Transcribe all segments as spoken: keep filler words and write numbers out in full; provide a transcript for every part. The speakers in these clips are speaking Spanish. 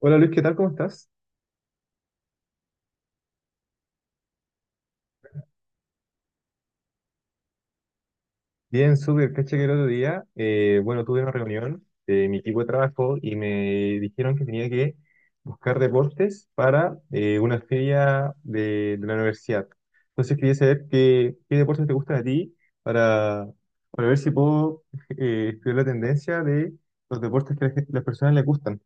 Hola Luis, ¿qué tal? ¿Cómo estás? Bien, súper. Caché que el otro día, eh, bueno, tuve una reunión de mi equipo de trabajo y me dijeron que tenía que buscar deportes para eh, una feria de, de la universidad. Entonces quería saber qué, qué deportes te gustan a ti para, para ver si puedo eh, estudiar la tendencia de los deportes que a la gen- las personas les gustan,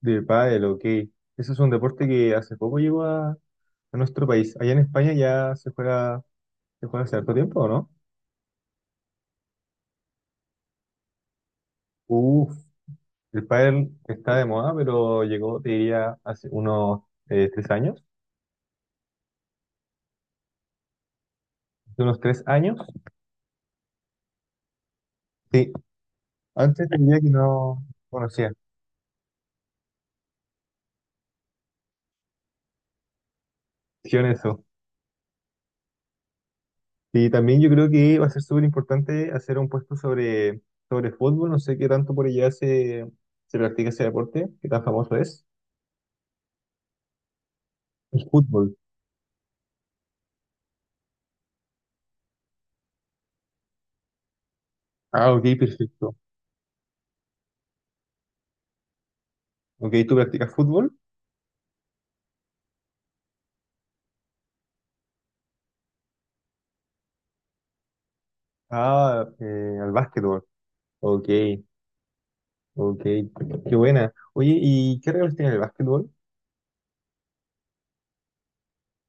de pádel o qué. Eso es un deporte que hace poco llegó a, a nuestro país. Allá en España ya se juega, se juega hace harto tiempo, ¿o no? Uf, el pádel está de moda, pero llegó, te diría, hace unos eh, tres años. Hace unos tres años. Sí, antes te diría que no conocía. Sí, en eso. Y también yo creo que va a ser súper importante hacer un puesto sobre, sobre fútbol. No sé qué tanto por allá se, se practica ese deporte, qué tan famoso es. El fútbol. Ah, ok, perfecto. Ok, ¿tú practicas fútbol? Ah, eh, al básquetbol. Ok, ok. Qué buena. Oye, ¿y qué reglas tiene el básquetbol?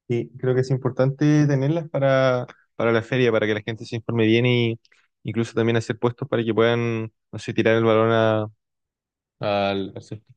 Sí, creo que es importante tenerlas para, para la feria, para que la gente se informe bien y incluso también hacer puestos para que puedan, no sé, tirar el balón a- al, al césped.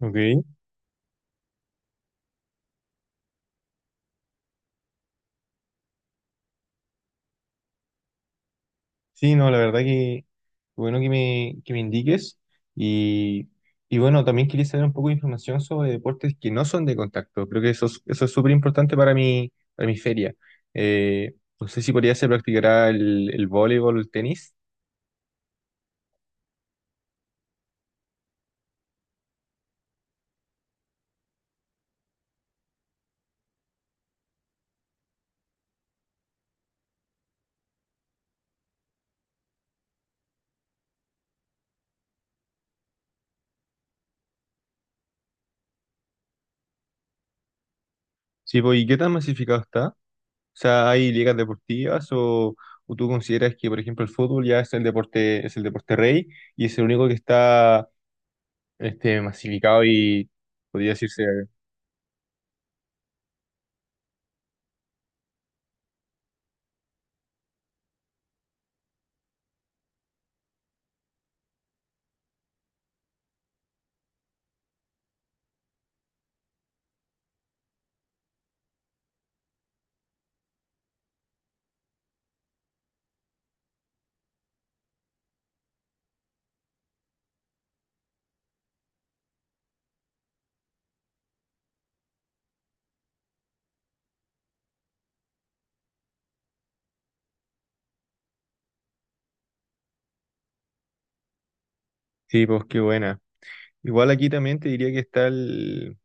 Ok. Sí, no, la verdad que bueno que me, que me indiques. Y, y bueno, también quería saber un poco de información sobre deportes que no son de contacto. Creo que eso es, eso es súper importante para mi, para mi feria. Eh, no sé si por allá se practicará el, el voleibol, el tenis. Sí, pues, ¿y qué tan masificado está? Sea, hay ligas deportivas o, o tú consideras que, por ejemplo, el fútbol ya es el deporte, es el deporte rey y es el único que está este, masificado y podría decirse, sí, pues qué buena. Igual aquí también te diría que está el,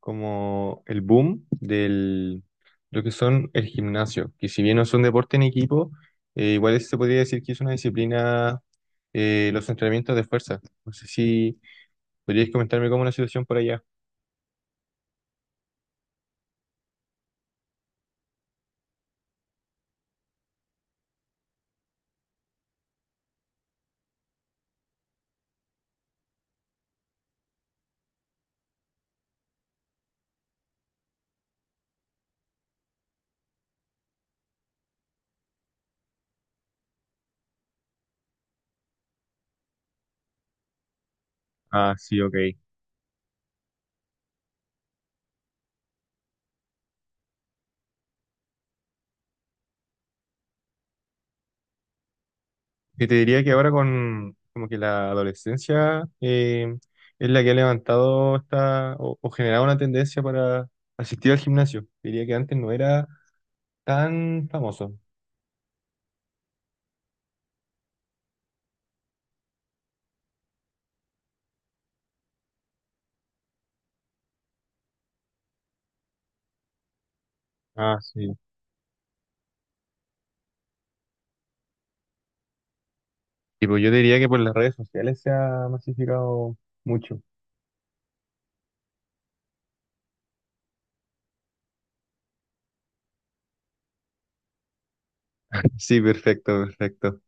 como el boom del lo que son el gimnasio, que si bien no son deporte en equipo, eh, igual se podría decir que es una disciplina, eh, los entrenamientos de fuerza. No sé si podrías comentarme cómo es la situación por allá. Ah, sí, ok. Que te diría que ahora con como que la adolescencia eh, es la que ha levantado esta o, o generado una tendencia para asistir al gimnasio. Diría que antes no era tan famoso. Ah, sí. Tipo, yo diría que por las redes sociales se ha masificado mucho. Sí, perfecto, perfecto.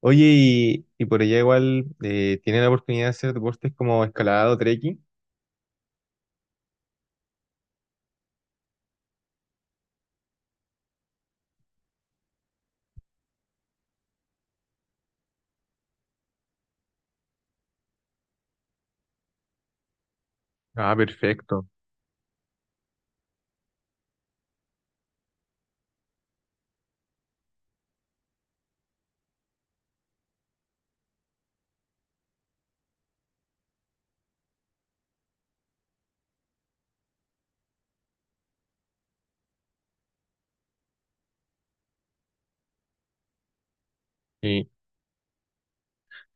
Oye, y, y por allá igual eh, tienen la oportunidad de hacer deportes como escalada o trekking. Ah, perfecto.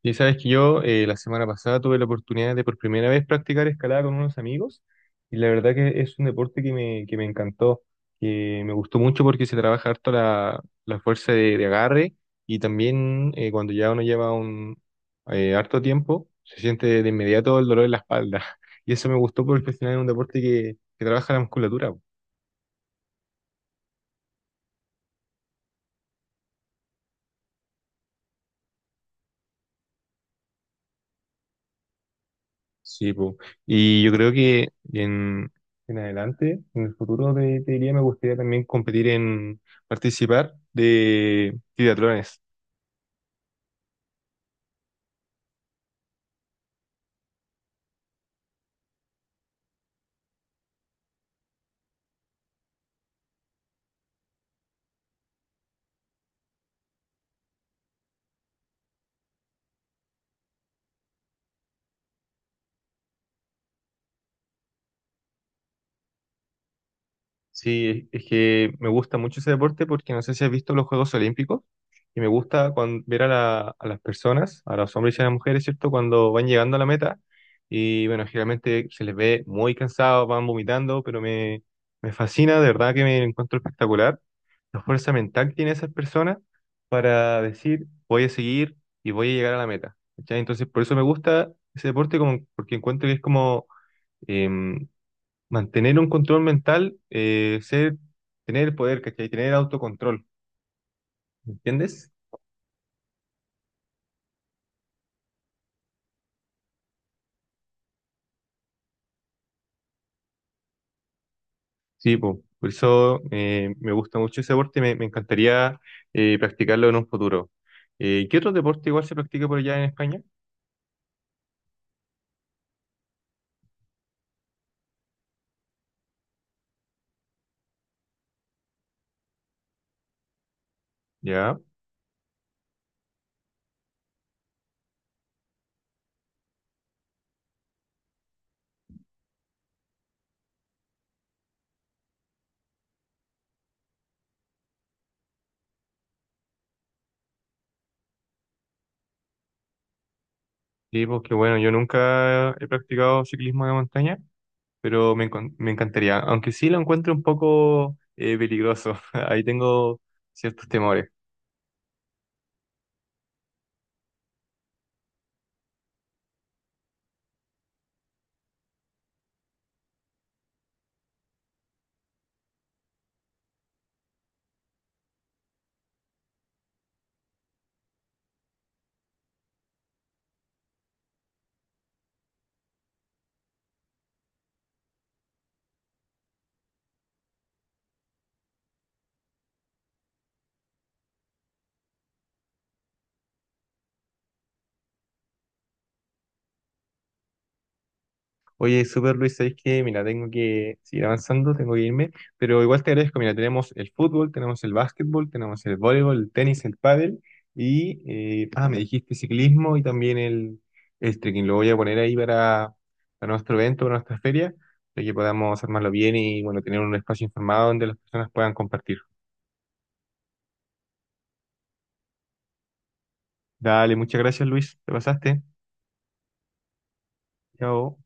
Y sabes que yo eh, la semana pasada tuve la oportunidad de por primera vez practicar escalada con unos amigos y la verdad que es un deporte que me, que me encantó, que me gustó mucho porque se trabaja harto la, la fuerza de, de agarre y también eh, cuando ya uno lleva un eh, harto tiempo se siente de inmediato el dolor en la espalda y eso me gustó porque al final es un deporte que, que trabaja la musculatura. Sí, po. Y yo creo que en, en adelante, en el futuro, te, te diría, me gustaría también competir en participar de triatlones. Sí, es que me gusta mucho ese deporte porque no sé si has visto los Juegos Olímpicos y me gusta cuan- ver a, la- a las personas, a los hombres y a las mujeres, ¿cierto? Cuando van llegando a la meta y bueno, generalmente se les ve muy cansados, van vomitando, pero me, me fascina, de verdad que me encuentro espectacular la fuerza mental que tienen esas personas para decir voy a seguir y voy a llegar a la meta, ¿cachai? Entonces por eso me gusta ese deporte como, porque encuentro que es como em, mantener un control mental, eh, ser, tener el poder, ¿cachai? Tener autocontrol, ¿entiendes? Sí, po. Por eso eh, me gusta mucho ese deporte y me, me encantaría eh, practicarlo en un futuro. Eh, ¿qué otro deporte igual se practica por allá en España? Ya, sí, porque bueno, yo nunca he practicado ciclismo de montaña, pero me, encon- me encantaría, aunque sí lo encuentro un poco eh, peligroso, ahí tengo ciertos temores. Oye, super Luis, ¿sabes qué? Mira, tengo que seguir avanzando, tengo que irme, pero igual te agradezco. Mira, tenemos el fútbol, tenemos el básquetbol, tenemos el voleibol, el tenis, el pádel y, eh, ah, me dijiste ciclismo y también el, el trekking. Lo voy a poner ahí para, para nuestro evento, para nuestra feria, para que podamos armarlo bien y, bueno, tener un espacio informado donde las personas puedan compartir. Dale, muchas gracias, Luis, te pasaste. Chao.